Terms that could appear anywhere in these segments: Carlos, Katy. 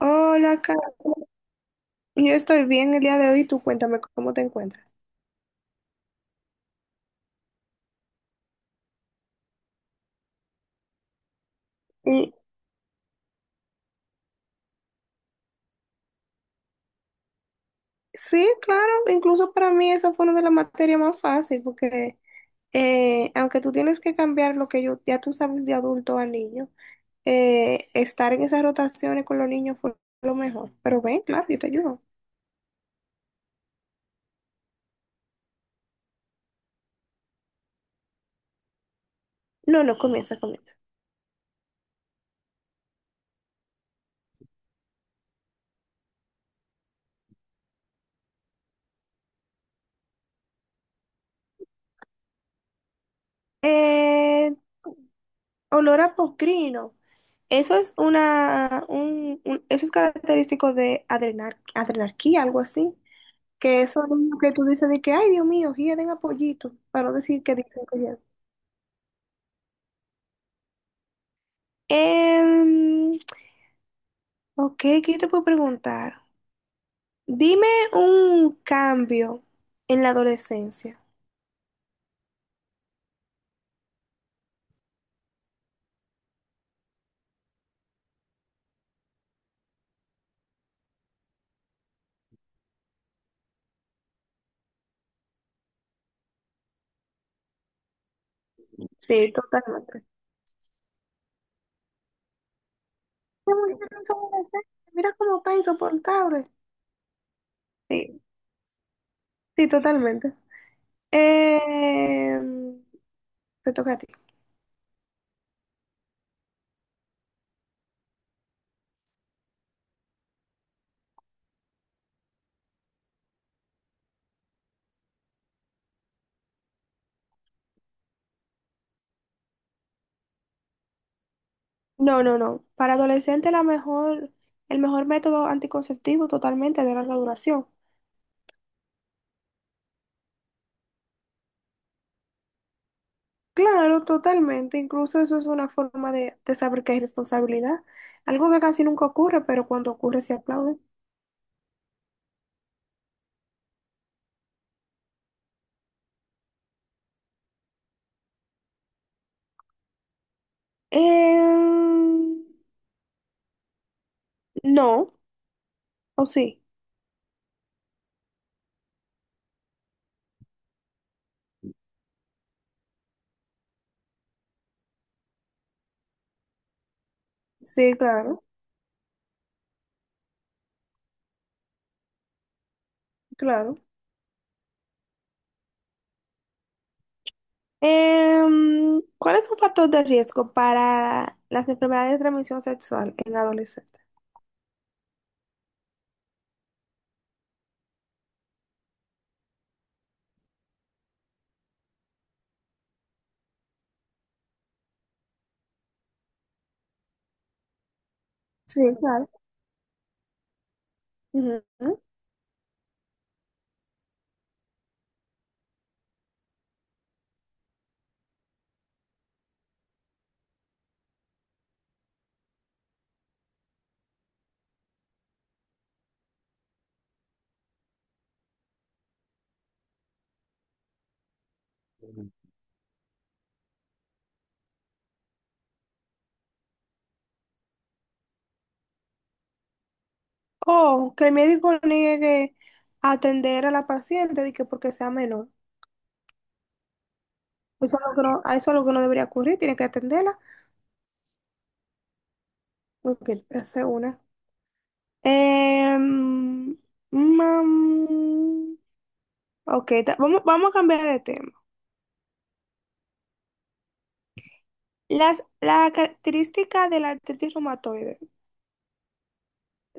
Hola, Carlos. Yo estoy bien el día de hoy. Tú cuéntame cómo te encuentras. Y, sí, claro. Incluso para mí esa fue una de las materias más fáciles porque aunque tú tienes que cambiar lo que yo, ya tú sabes, de adulto a niño, estar en esas rotaciones con los niños fue lo mejor. Pero ven, claro, yo te ayudo. No, no, comienza, comienza. Eh, olor a pocrino. Eso es eso es característico de adrenarquía, algo así. Que eso es lo que tú dices de que, ay, Dios mío, quieren a pollito, para no decir que dicen que… Eh, ok, ¿qué te puedo preguntar? Dime un cambio en la adolescencia. Sí, totalmente. Qué bonito que son adolescentes. Mira cómo está insoportable. Sí, sí, totalmente. Eh, te toca a ti. No, no, no. Para adolescentes la mejor, el mejor método anticonceptivo totalmente de larga duración. Claro, totalmente. Incluso eso es una forma de saber que hay responsabilidad. Algo que casi nunca ocurre, pero cuando ocurre se aplaude. Em, no, o sí. Sí, claro, claro. ¿Cuál es un factor de riesgo para las enfermedades de transmisión sexual en adolescentes? Sí, claro. Ujú. O que el médico niegue atender a la paciente de que porque sea menor. Eso es lo que no, a eso es lo que no debería ocurrir, tiene que atenderla. Porque hace una. Em, mam, ok, vamos, vamos a cambiar de tema. La característica de la artritis reumatoide,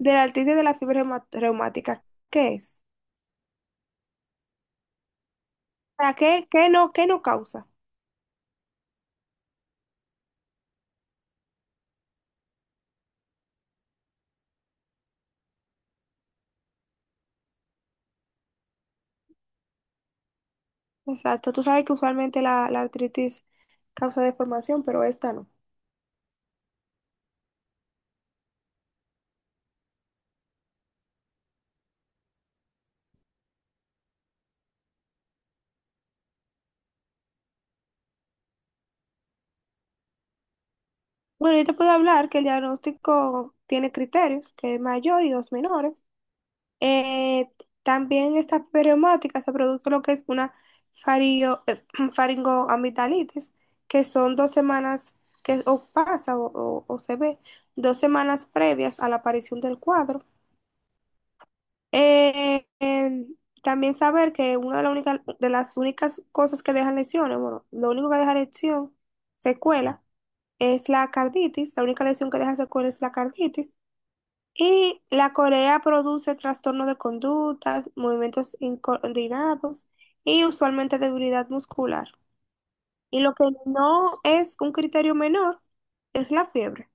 de la artritis de la fiebre reumática, ¿qué es? O sea, ¿qué, qué no causa? Exacto, tú sabes que usualmente la artritis causa deformación, pero esta no. Bueno, yo te puedo hablar que el diagnóstico tiene criterios, que es mayor y dos menores. Eh, también esta periomática se produce lo que es una fario- eh, faringoamigdalitis, que son dos semanas que o pasa o se ve, dos semanas previas a la aparición del cuadro. Eh, eh, también saber que de las únicas cosas que dejan lesiones, bueno, lo único que deja lesión, secuela, es la carditis. La única lesión que deja secuela es la carditis. Y la Corea produce trastorno de conductas, movimientos incoordinados y usualmente debilidad muscular. Y lo que no es un criterio menor es la fiebre.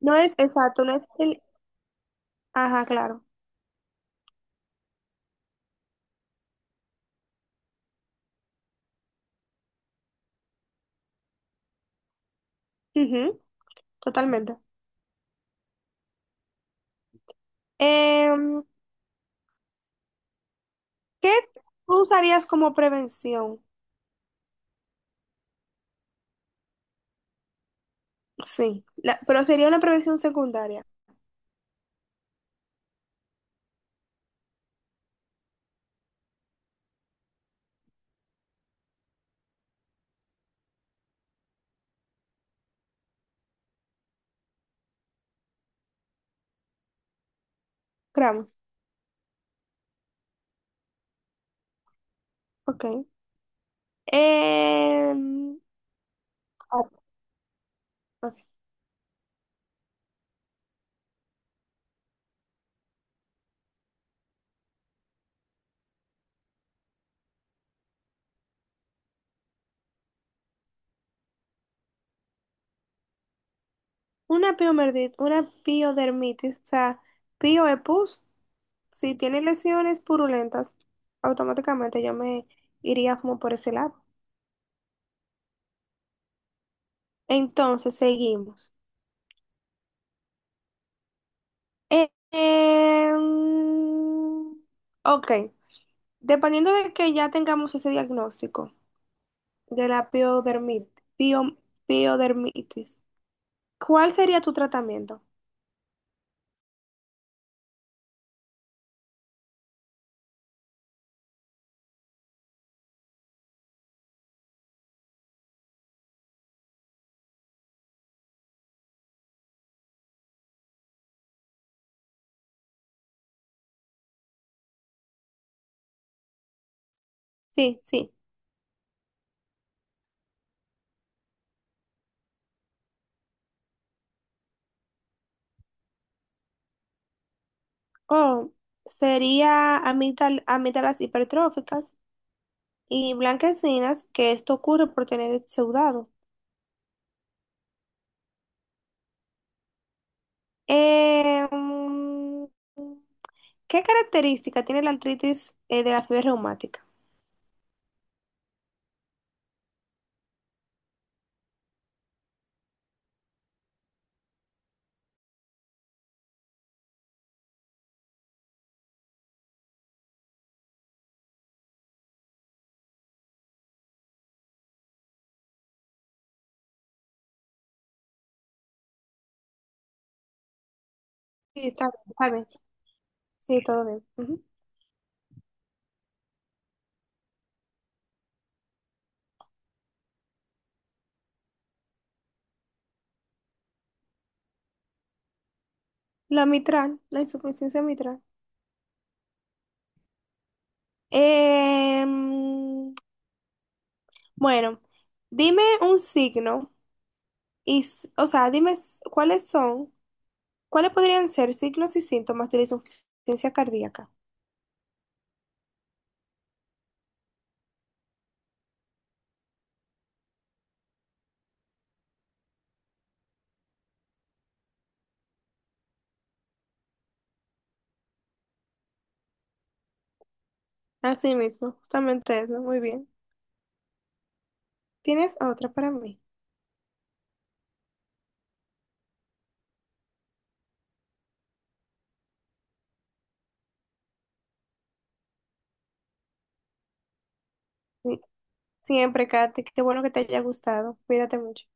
No es exacto, no es el… Ajá, claro. Ujú, totalmente. Em, ¿Qué tú usarías como prevención? Sí, la- pero sería una prevención secundaria. Gramos. Ok. Em, ok. Una una piodermitis, o sea, pio es pus. Si tiene lesiones purulentas, automáticamente yo me iría como por ese lado. Entonces, seguimos. Eh, em, ok, dependiendo de que ya tengamos ese diagnóstico de la pio- piodermitis, ¿cuál sería tu tratamiento? Sí, sí. O sería amígdalas hipertróficas y blanquecinas, que esto ocurre por tener el exudado. Em, ¿Qué característica tiene la artritis de la fiebre reumática? Sí, está bien, está bien. Sí, todo bien. Ujú. La mitral, la insuficiencia mitral. Em, bueno, dime un signo o sea, cuáles son, cuáles podrían ser signos y síntomas de la insuficiencia cardíaca. Así mismo, justamente eso, muy bien. ¿Tienes otra para mí? Sí, siempre, Katy, qué bueno que te haya gustado. Cuídate mucho.